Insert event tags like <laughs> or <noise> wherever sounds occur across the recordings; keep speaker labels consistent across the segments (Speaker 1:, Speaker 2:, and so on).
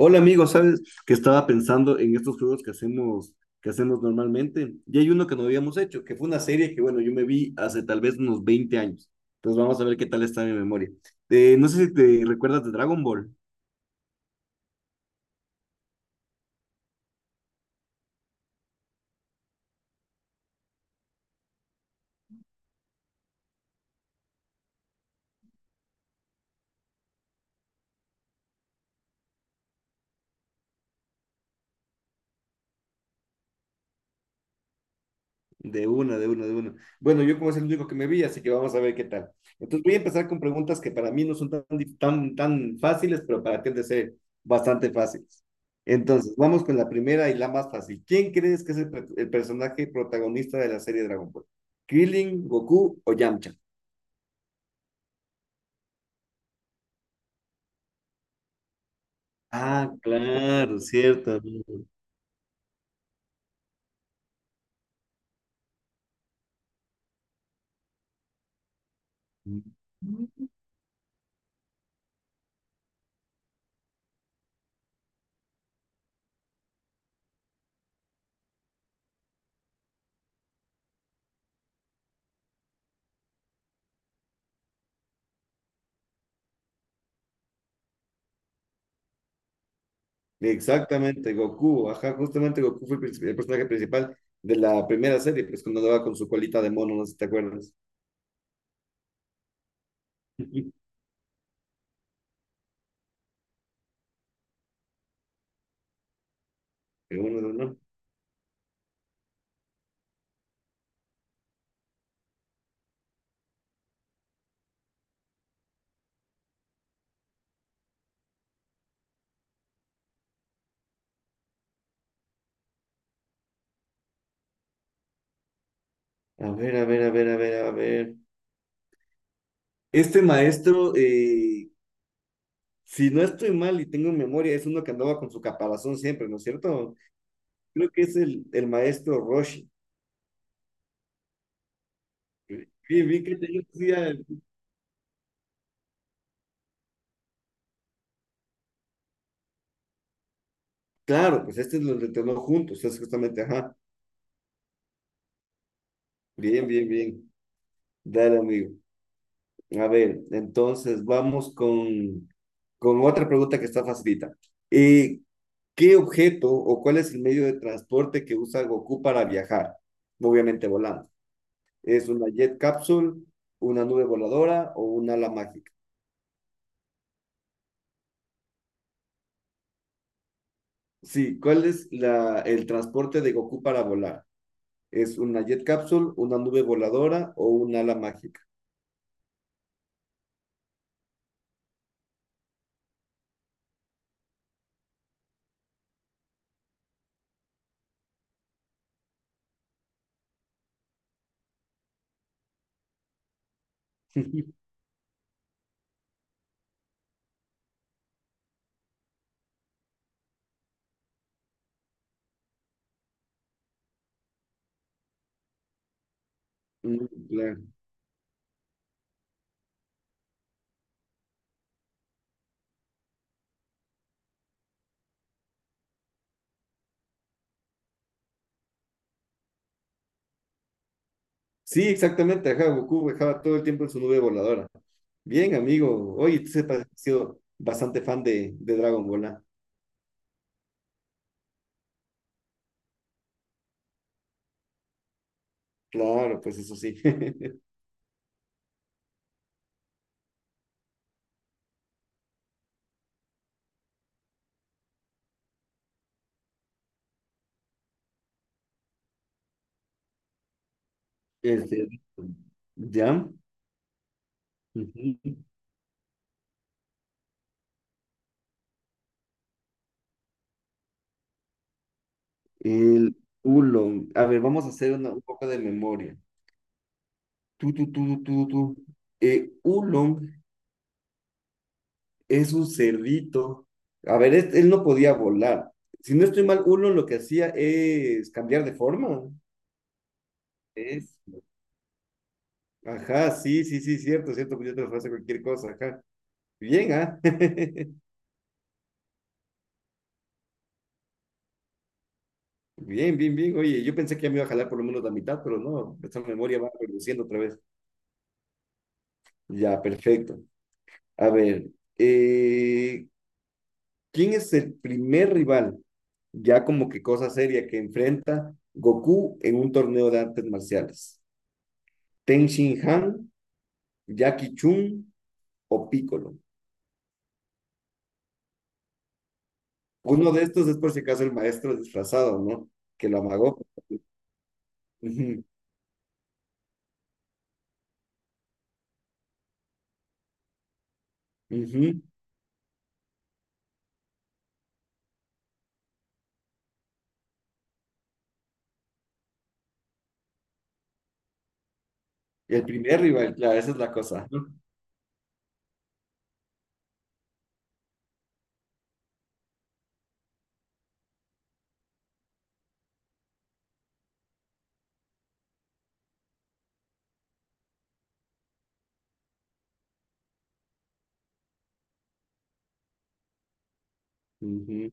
Speaker 1: Hola amigo, ¿sabes que estaba pensando en estos juegos que hacemos normalmente? Y hay uno que no habíamos hecho, que fue una serie que, bueno, yo me vi hace tal vez unos 20 años. Entonces vamos a ver qué tal está mi memoria. No sé si te recuerdas de Dragon Ball. De una, de una, de una. Bueno, yo como es el único que me vi, así que vamos a ver qué tal. Entonces voy a empezar con preguntas que para mí no son tan, tan, tan fáciles, pero para ti han de ser bastante fáciles. Entonces, vamos con la primera y la más fácil. ¿Quién crees que es el, el personaje protagonista de la serie Dragon Ball? ¿Krillin, Goku o Yamcha? Ah, claro, cierto, amigo. Exactamente, Goku. Ajá, justamente Goku fue el el personaje principal de la primera serie, pues cuando andaba con su colita de mono, no sé si te acuerdas. <laughs> Uno, uno. A ver, a ver, a ver, a ver, a ver. Este maestro, si no estoy mal y tengo memoria, es uno que andaba con su caparazón siempre, ¿no es cierto? Creo que es el maestro Roshi. Bien, bien que tenía el- Claro, pues este lo entrenó juntos, es justamente, ajá. Bien, bien, bien. Dale, amigo. A ver, entonces vamos con otra pregunta que está facilita. Eh, ¿Qué objeto o cuál es el medio de transporte que usa Goku para viajar? Obviamente volando. ¿Es una jet capsule, una nube voladora o una ala mágica? Sí, ¿cuál es la, el transporte de Goku para volar? ¿Es una jet capsule, una nube voladora o una ala mágica? <laughs> Mm, claro. Sí, exactamente, ajá, Goku viajaba todo el tiempo en su nube voladora. Bien, amigo. Oye, tú sepas que has sido bastante fan de Dragon Ball, ¿ah? Claro, pues eso sí. <laughs> Este, ya. Ujú. El Oolong. A ver, vamos a hacer un poco de memoria. Tú, tú, tú, tú, tú. Oolong es un cerdito. A ver, él no podía volar. Si no estoy mal, Oolong lo que hacía es cambiar de forma. Ajá, sí, sí, sí, cierto, cierto, pues yo te lo ofrezco cualquier cosa, ajá. Bien, ¿ah? <laughs> Bien, bien, bien. Oye, yo pensé que ya me iba a jalar por lo menos la mitad, pero no, esta memoria va reduciendo otra vez. Ya, perfecto. A ver, eh, ¿quién es el primer rival, ya como que cosa seria, que enfrenta Goku en un torneo de artes marciales? ¿Ten Shin Han, Jackie Chun o Piccolo? Uno de estos es por si acaso el maestro disfrazado, ¿no? Que lo amagó. <laughs> Ujú, ujú. El primer rival, claro, esa es la cosa. Ujú.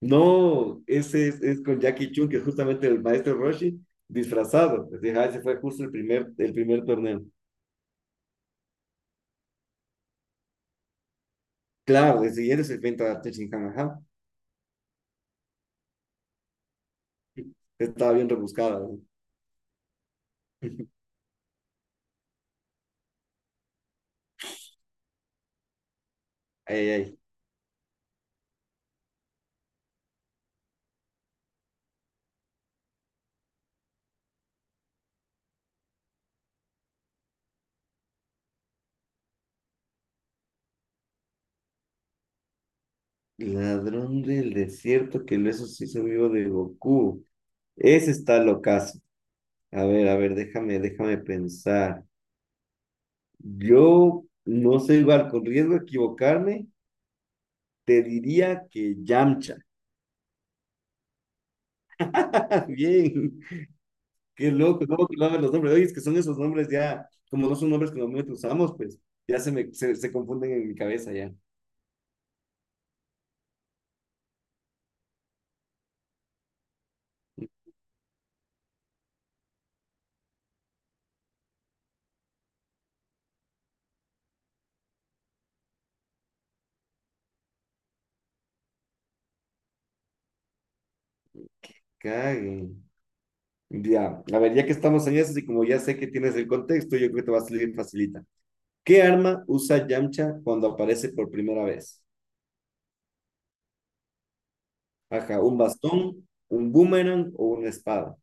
Speaker 1: No, ese es con Jackie Chun, que es justamente el maestro Roshi, disfrazado. Pues, ajá, ese fue justo el primer torneo. Claro, el siguiente se enfrenta a Tenshinhan, ajá. Estaba bien rebuscada, ¿no? <laughs> Ay, ay. Ladrón del desierto que lo eso sí amigo de Goku. Ese está locazo. A ver, déjame pensar. Yo no sé igual, con riesgo de equivocarme, te diría que Yamcha. Bien, qué loco, ¿cómo colaban los nombres? Oye, es que son esos nombres ya, como no son nombres que normalmente usamos, pues ya se se confunden en mi cabeza ya. Cague. Ya, a ver, ya que estamos en eso y como ya sé que tienes el contexto, yo creo que te va a salir facilita. ¿Qué arma usa Yamcha cuando aparece por primera vez? Ajá, ¿un bastón, un boomerang o una espada?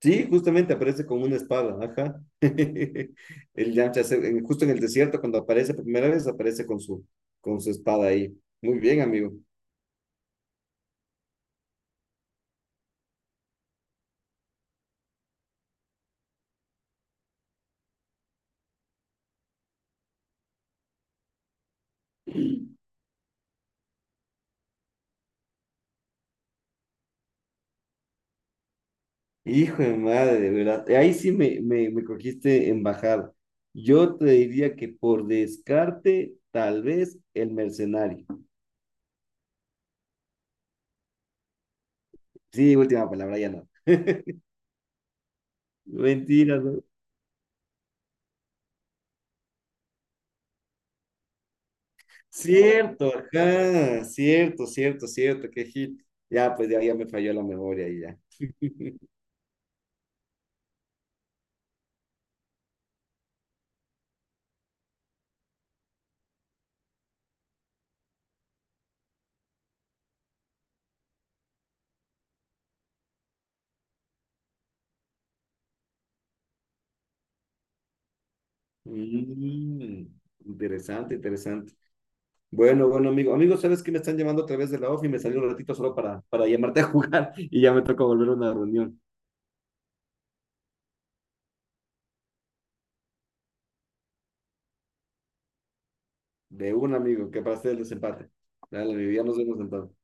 Speaker 1: Sí, justamente aparece con una espada, ajá. <laughs> El Yamcha, justo en el desierto, cuando aparece por primera vez, aparece con su espada ahí. Muy bien, amigo. Hijo de madre, de verdad. Ahí sí me cogiste en bajada. Yo te diría que por descarte, tal vez el mercenario. Sí, última palabra, ya no. Mentiras, ¿no? Cierto, ajá, cierto, cierto, cierto, qué hit. Ya, pues ya, ya me falló la memoria y ya. <laughs> Mm, interesante, interesante. Bueno, bueno, amigo. Amigo, ¿sabes que me están llamando a través de la ofi? Y me salió un ratito solo para llamarte a jugar <laughs> y ya me toca volver a una reunión. De un amigo, que para hacer el desempate. Dale, amigo, ya nos vemos entonces.